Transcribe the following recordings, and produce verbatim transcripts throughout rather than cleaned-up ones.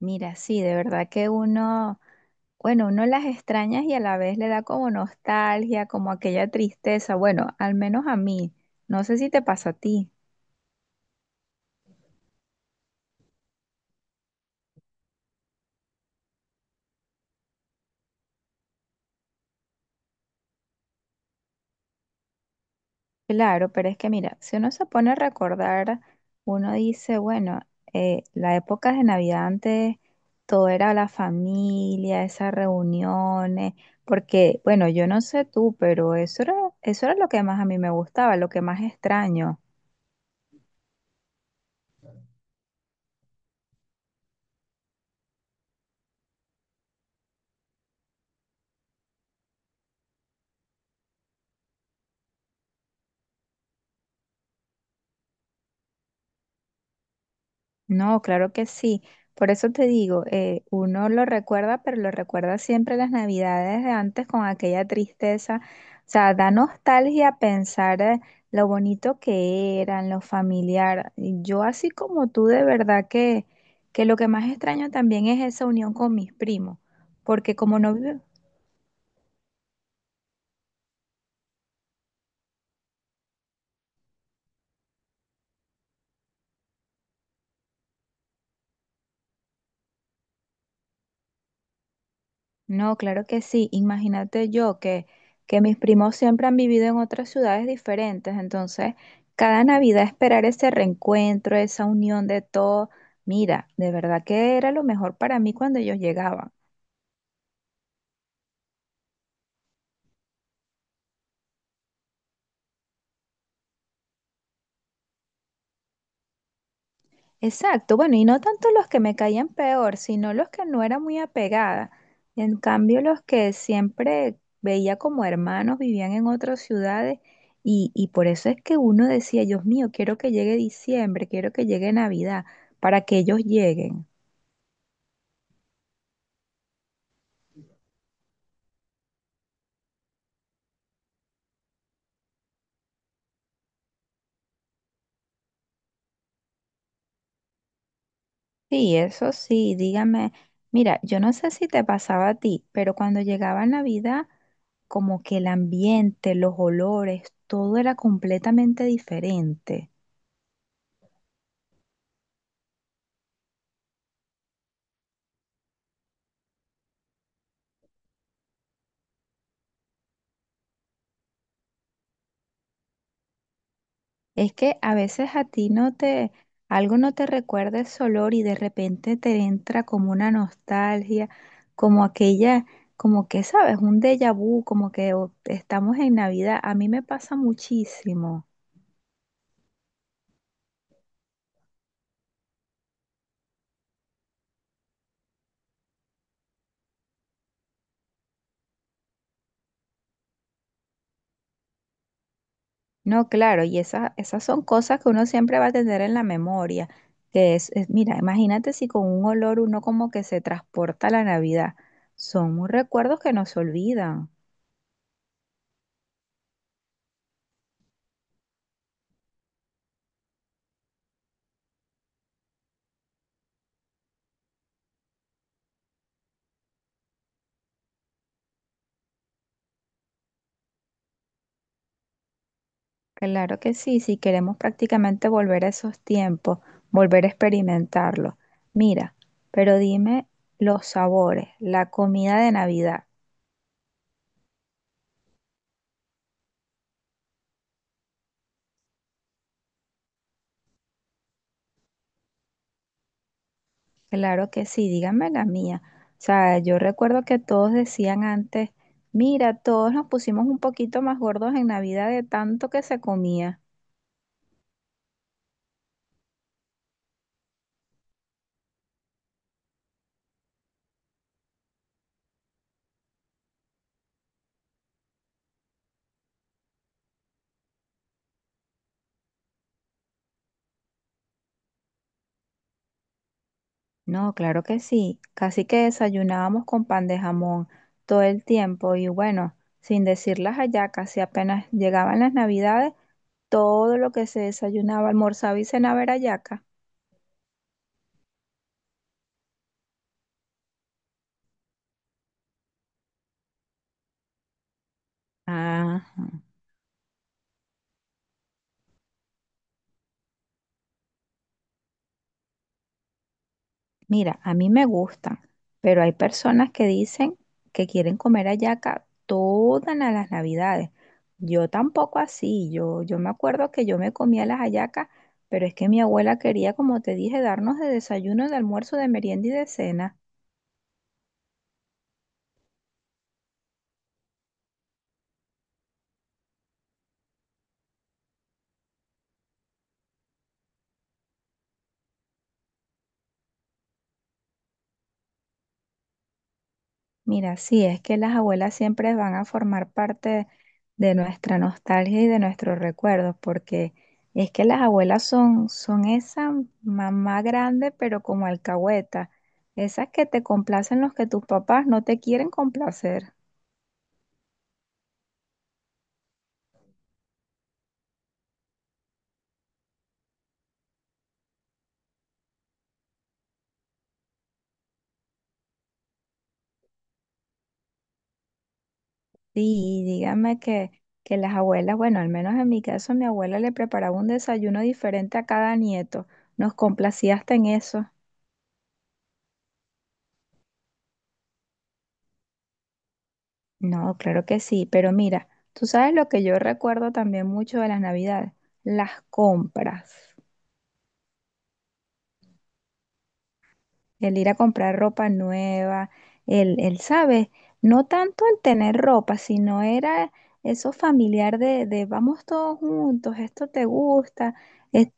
Mira, sí, de verdad que uno, bueno, uno las extrañas y a la vez le da como nostalgia, como aquella tristeza. Bueno, al menos a mí. No sé si te pasa a ti. Claro, pero es que mira, si uno se pone a recordar, uno dice, bueno, eh, la época de Navidad antes, todo era la familia, esas reuniones, porque, bueno, yo no sé tú, pero eso era, eso era lo que más a mí me gustaba, lo que más extraño. No, claro que sí. Por eso te digo, eh, uno lo recuerda, pero lo recuerda siempre las navidades de antes con aquella tristeza. O sea, da nostalgia pensar eh, lo bonito que eran, lo familiar. Y Yo así como tú, de verdad que, que lo que más extraño también es esa unión con mis primos, porque como no vive- No, claro que sí. Imagínate yo que, que mis primos siempre han vivido en otras ciudades diferentes, entonces cada Navidad esperar ese reencuentro, esa unión de todo, mira, de verdad que era lo mejor para mí cuando ellos llegaban. Exacto, bueno, y no tanto los que me caían peor, sino los que no era muy apegada. En cambio, los que siempre veía como hermanos vivían en otras ciudades y, y por eso es que uno decía, Dios mío, quiero que llegue diciembre, quiero que llegue Navidad, para que ellos lleguen. Sí, eso sí, dígame, mira, yo no sé si te pasaba a ti, pero cuando llegaba Navidad, como que el ambiente, los olores, todo era completamente diferente. Es que a veces a ti no te, algo no te recuerda ese olor y de repente te entra como una nostalgia, como aquella, como que sabes, un déjà vu, como que oh, estamos en Navidad. A mí me pasa muchísimo. No, claro, y esas, esas son cosas que uno siempre va a tener en la memoria. Que es, es- mira, imagínate si con un olor uno como que se transporta a la Navidad. Son recuerdos que no se olvidan. Claro que sí, si queremos prácticamente volver a esos tiempos, volver a experimentarlo. Mira, pero dime los sabores, la comida de Navidad. Claro que sí, díganme la mía. O sea, yo recuerdo que todos decían antes, mira, todos nos pusimos un poquito más gordos en Navidad de tanto que se comía. No, claro que sí, casi que desayunábamos con pan de jamón todo el tiempo y bueno, sin decir las hallacas, si apenas llegaban las Navidades. Todo lo que se desayunaba, almorzaba y cenaba era yaca. Ah, mira, a mí me gustan, pero hay personas que dicen que quieren comer hallaca todas la- las navidades. Yo tampoco así, yo, yo me acuerdo que yo me comía las hallacas, pero es que mi abuela quería, como te dije, darnos de desayuno, de almuerzo, de merienda y de cena. Mira, sí, es que las abuelas siempre van a formar parte de nuestra nostalgia y de nuestros recuerdos, porque es que las abuelas son, son esa mamá grande, pero como alcahueta, esas que te complacen los que tus papás no te quieren complacer. Sí, y dígame que, que las abuelas, bueno, al menos en mi caso, mi abuela le preparaba un desayuno diferente a cada nieto. Nos complacía hasta en eso. No, claro que sí, pero mira, tú sabes lo que yo recuerdo también mucho de las Navidades, las compras, el ir a comprar ropa nueva, el, el, ¿sabes? No tanto el tener ropa, sino era eso familiar de, de vamos todos juntos, esto te gusta, ¿eh?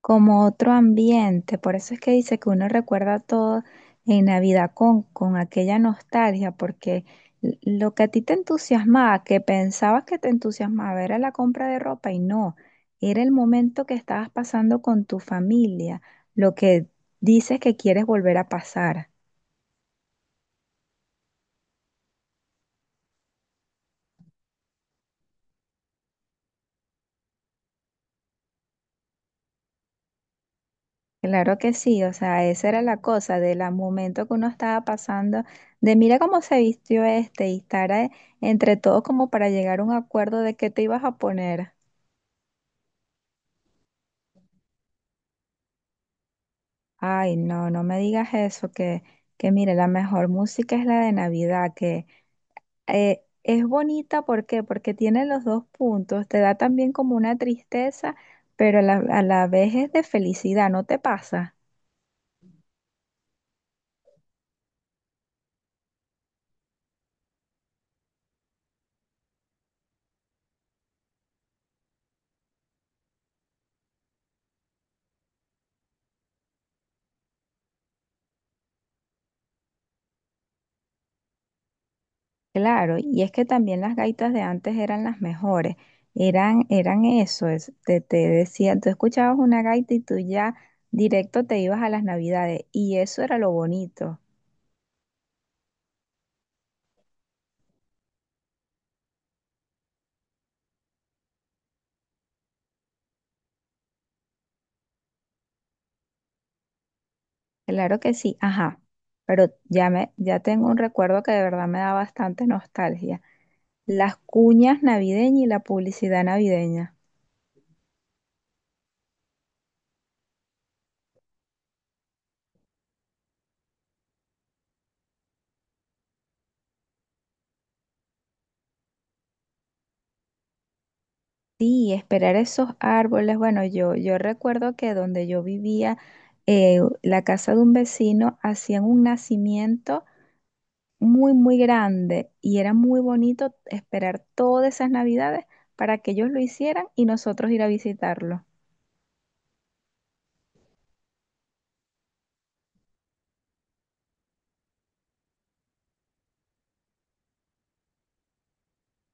Como otro ambiente. Por eso es que dice que uno recuerda todo en Navidad con, con aquella nostalgia, porque l- lo que a ti te entusiasmaba, que pensabas que te entusiasmaba, era la compra de ropa y no, era el momento que estabas pasando con tu familia, lo que dices que quieres volver a pasar. Claro que sí, o sea, esa era la cosa del momento que uno estaba pasando, de mira cómo se vistió este y estar eh, entre todos como para llegar a un acuerdo de qué te ibas a poner. Ay, no, no me digas eso, que, que mire, la mejor música es la de Navidad, que eh, es bonita, ¿por qué? Porque tiene los dos puntos, te da también como una tristeza, pero a la, a la vez es de felicidad, ¿no te pasa? Claro, y es que también las gaitas de antes eran las mejores, eran, eran eso, es- te, te decían, tú escuchabas una gaita y tú ya directo te ibas a las Navidades, y eso era lo bonito. Claro que sí, ajá. Pero ya me, ya tengo un recuerdo que de verdad me da bastante nostalgia. Las cuñas navideñas y la publicidad navideña. Sí, esperar esos árboles. Bueno, yo, yo recuerdo que donde yo vivía, eh, la casa de un vecino hacían un nacimiento muy, muy grande y era muy bonito esperar todas esas navidades para que ellos lo hicieran y nosotros ir a visitarlo.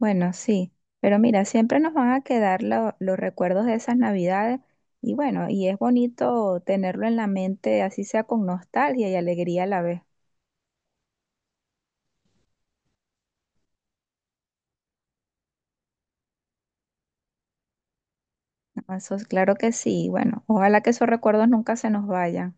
Bueno, sí, pero mira, siempre nos van a quedar lo- los recuerdos de esas navidades y bueno, y es bonito tenerlo en la mente, así sea con nostalgia y alegría a la vez. ¿No? Eso es claro que sí. Bueno, ojalá que esos recuerdos nunca se nos vayan.